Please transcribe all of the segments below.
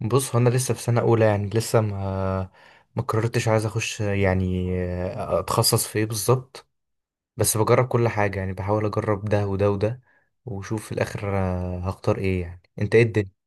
بص هو انا لسه في سنه اولى، يعني لسه ما قررتش عايز اخش، يعني اتخصص في ايه بالظبط. بس بجرب كل حاجه، يعني بحاول اجرب ده وده وده وشوف في الاخر هختار ايه. يعني انت ايه الدنيا؟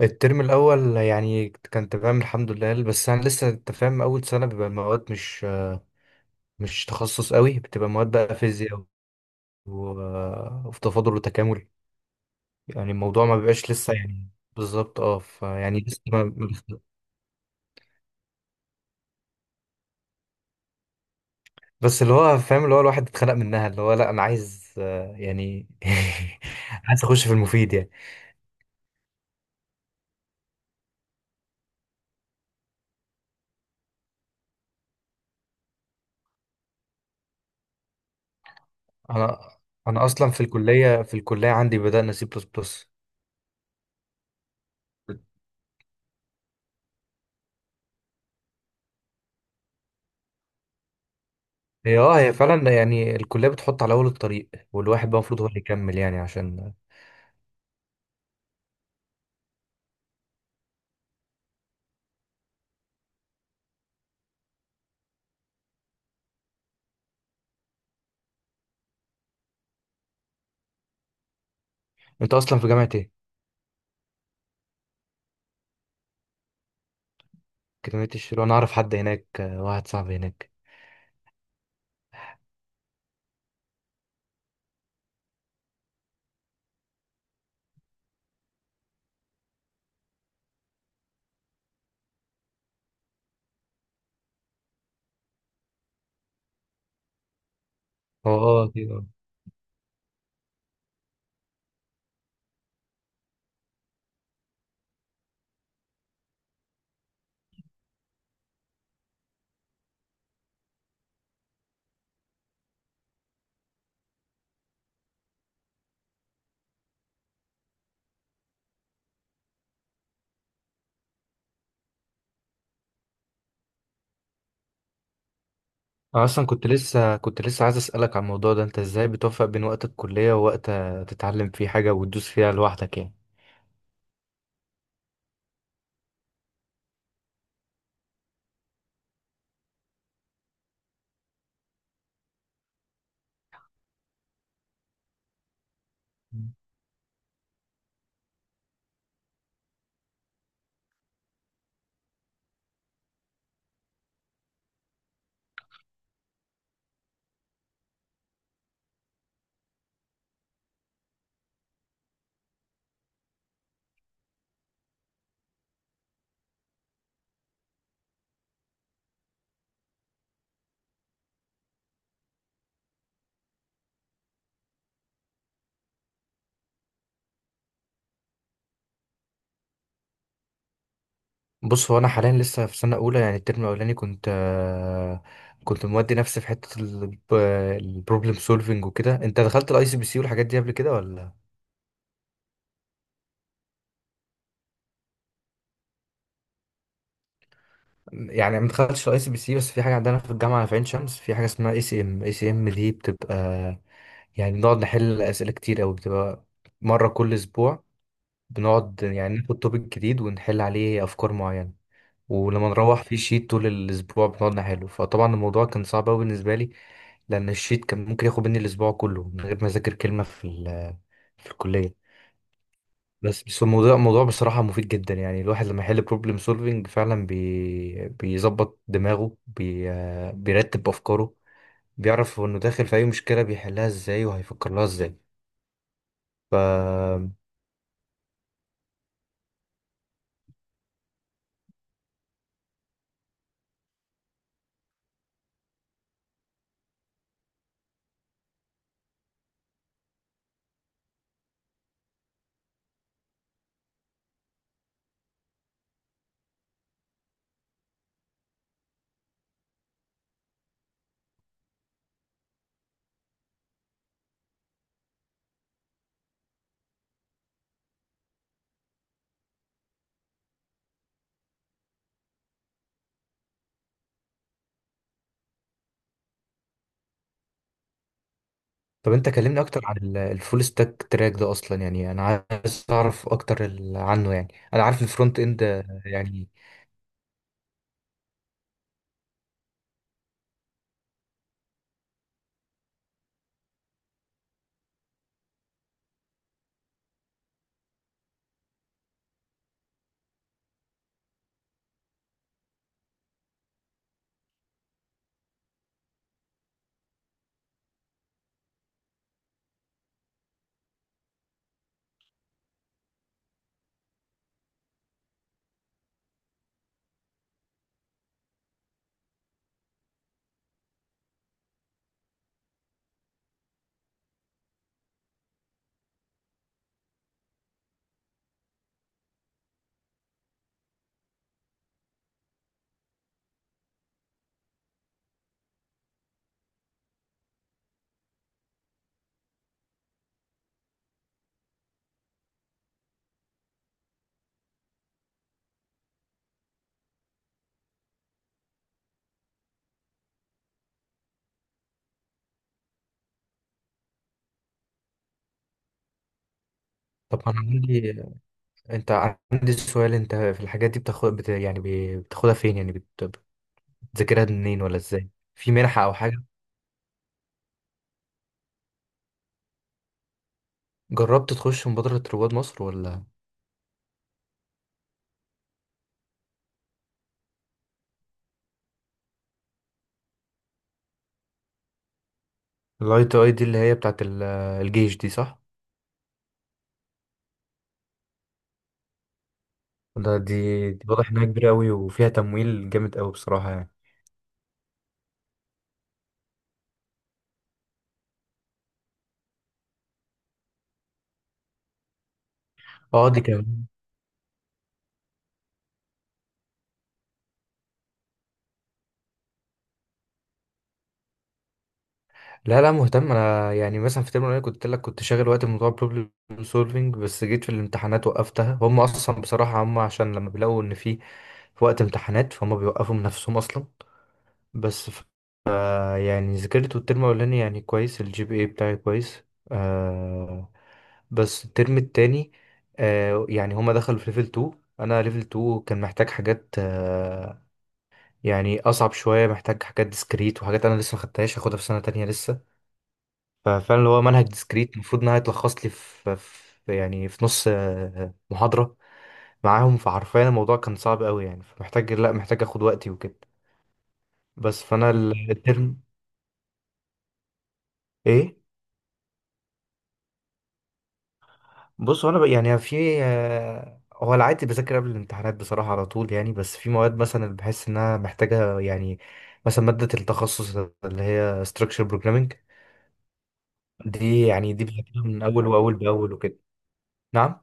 الترم الاول يعني كان تمام الحمد لله، بس انا لسه انت فاهم اول سنه بيبقى المواد مش تخصص قوي، بتبقى مواد بقى فيزياء وفي تفاضل وتكامل. يعني الموضوع ما بيبقاش لسه يعني بالظبط، اه فيعني لسه ما بس اللي هو فاهم، اللي هو الواحد اتخلق منها، اللي هو لا انا عايز يعني عايز اخش في المفيد يعني. انا انا اصلا في الكليه عندي بدأنا سي بلس بلس. هي اه، هي فعلا يعني الكليه بتحط على اول الطريق، والواحد بقى المفروض هو اللي يكمل، يعني عشان. انت اصلا في جامعه ايه؟ جامعه الشروق، انا اعرف حد هناك، واحد صاحبي هناك. هو اه أكيد، آه. انا اصلا كنت لسه عايز اسالك عن الموضوع ده، انت ازاي بتوفق بين وقت الكليه ووقت تتعلم فيه حاجه وتدوس فيها لوحدك يعني؟ بص، هو انا حاليا لسه في سنه اولى، يعني الترم الاولاني كنت كنت مودي نفسي في حته البروبلم سولفنج وكده. انت دخلت الاي سي بي سي والحاجات دي قبل كده ولا؟ يعني ما دخلتش الاي سي بي سي، بس في حاجه عندنا في الجامعه في عين شمس، في حاجه اسمها اي سي ام، اي سي ام دي، بتبقى يعني بنقعد نحل اسئله كتير قوي، بتبقى مره كل اسبوع. بنقعد يعني ناخد توبيك جديد ونحل عليه افكار معينه، ولما نروح في شيت طول الاسبوع بنقعد نحله. فطبعا الموضوع كان صعب قوي بالنسبه لي، لان الشيت كان ممكن ياخد مني الاسبوع كله من غير ما اذاكر كلمه في في الكليه. بس الموضوع، الموضوع بصراحه مفيد جدا، يعني الواحد لما يحل بروبلم سولفينج فعلا بيظبط دماغه، بي آه، بيرتب افكاره، بيعرف انه داخل في اي مشكله، بيحلها ازاي وهيفكر لها ازاي. ف طب انت كلمني اكتر عن الفول ستاك تراك ده، اصلا يعني انا عايز اعرف اكتر عنه يعني. انا عارف الفرونت اند، يعني. طب انا عندي، انت عندي سؤال، انت في الحاجات دي بتاخدها فين؟ يعني بتذاكرها منين ولا ازاي؟ في منحة او حاجة؟ جربت تخش مبادرة رواد مصر ولا؟ الاي تي اي دي اللي هي بتاعت الجيش دي، صح؟ ده دي, دي واضح انها كبيرة قوي وفيها تمويل جامد قوي بصراحة يعني. اه دي كمان. لا لا، مهتم انا، يعني مثلا في ترم الاولاني كنت لك كنت شاغل وقت بموضوع بروبلم سولفينج، بس جيت في الامتحانات وقفتها. هم اصلا بصراحة هم عشان لما بيلاقوا ان في في وقت امتحانات فهم بيوقفوا من نفسهم اصلا. بس يعني ذاكرت الترم الأولاني يعني كويس، الجي بي اي بتاعي كويس آه. بس الترم التاني آه، يعني هما دخلوا في ليفل 2. أنا ليفل 2 كان محتاج حاجات آه، يعني أصعب شوية، محتاج حاجات ديسكريت وحاجات أنا لسه مخدتهاش، هاخدها في سنة تانية لسه. ففعلا اللي هو منهج ديسكريت المفروض إنها تلخص لي في يعني في نص آه محاضرة معاهم، فحرفيا الموضوع كان صعب أوي يعني، فمحتاج لأ، محتاج أخد وقتي وكده. بس فأنا الترم إيه؟ بص هو انا ب- يعني في آه، هو العادي بذاكر قبل الامتحانات بصراحه على طول يعني، بس في مواد مثلا اللي بحس انها محتاجه، يعني مثلا ماده التخصص اللي هي structure programming. دي يعني دي بذاكرها من اول، واول باول وكده. نعم.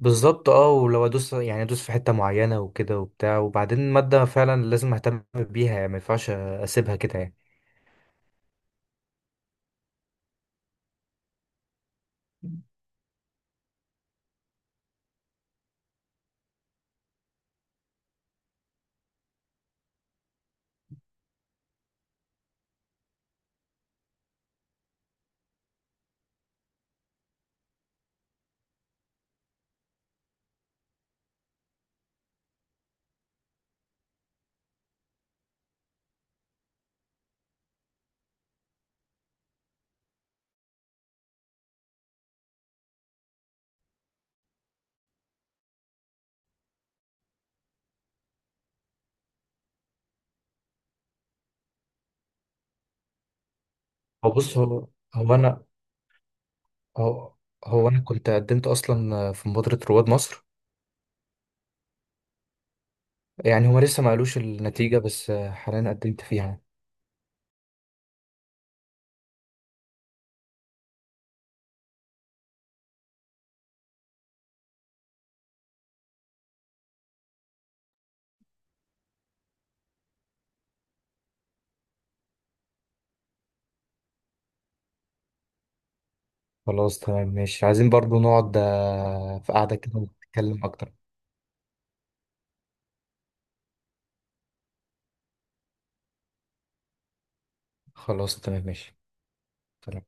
بالظبط اه، ولو ادوس يعني ادوس في حته معينه وكده وبتاع، وبعدين ماده فعلا لازم اهتم بيها، يعني ما ينفعش اسيبها كده يعني. هو بص هو هو انا هو, هو انا كنت قدمت اصلا في مبادره رواد مصر، يعني هما لسه ما قالوش النتيجة، بس آه، حاليا قدمت فيها يعني. خلاص تمام ماشي، عايزين برضو نقعد في قعدة كده نتكلم أكتر. خلاص تمام ماشي. تمام.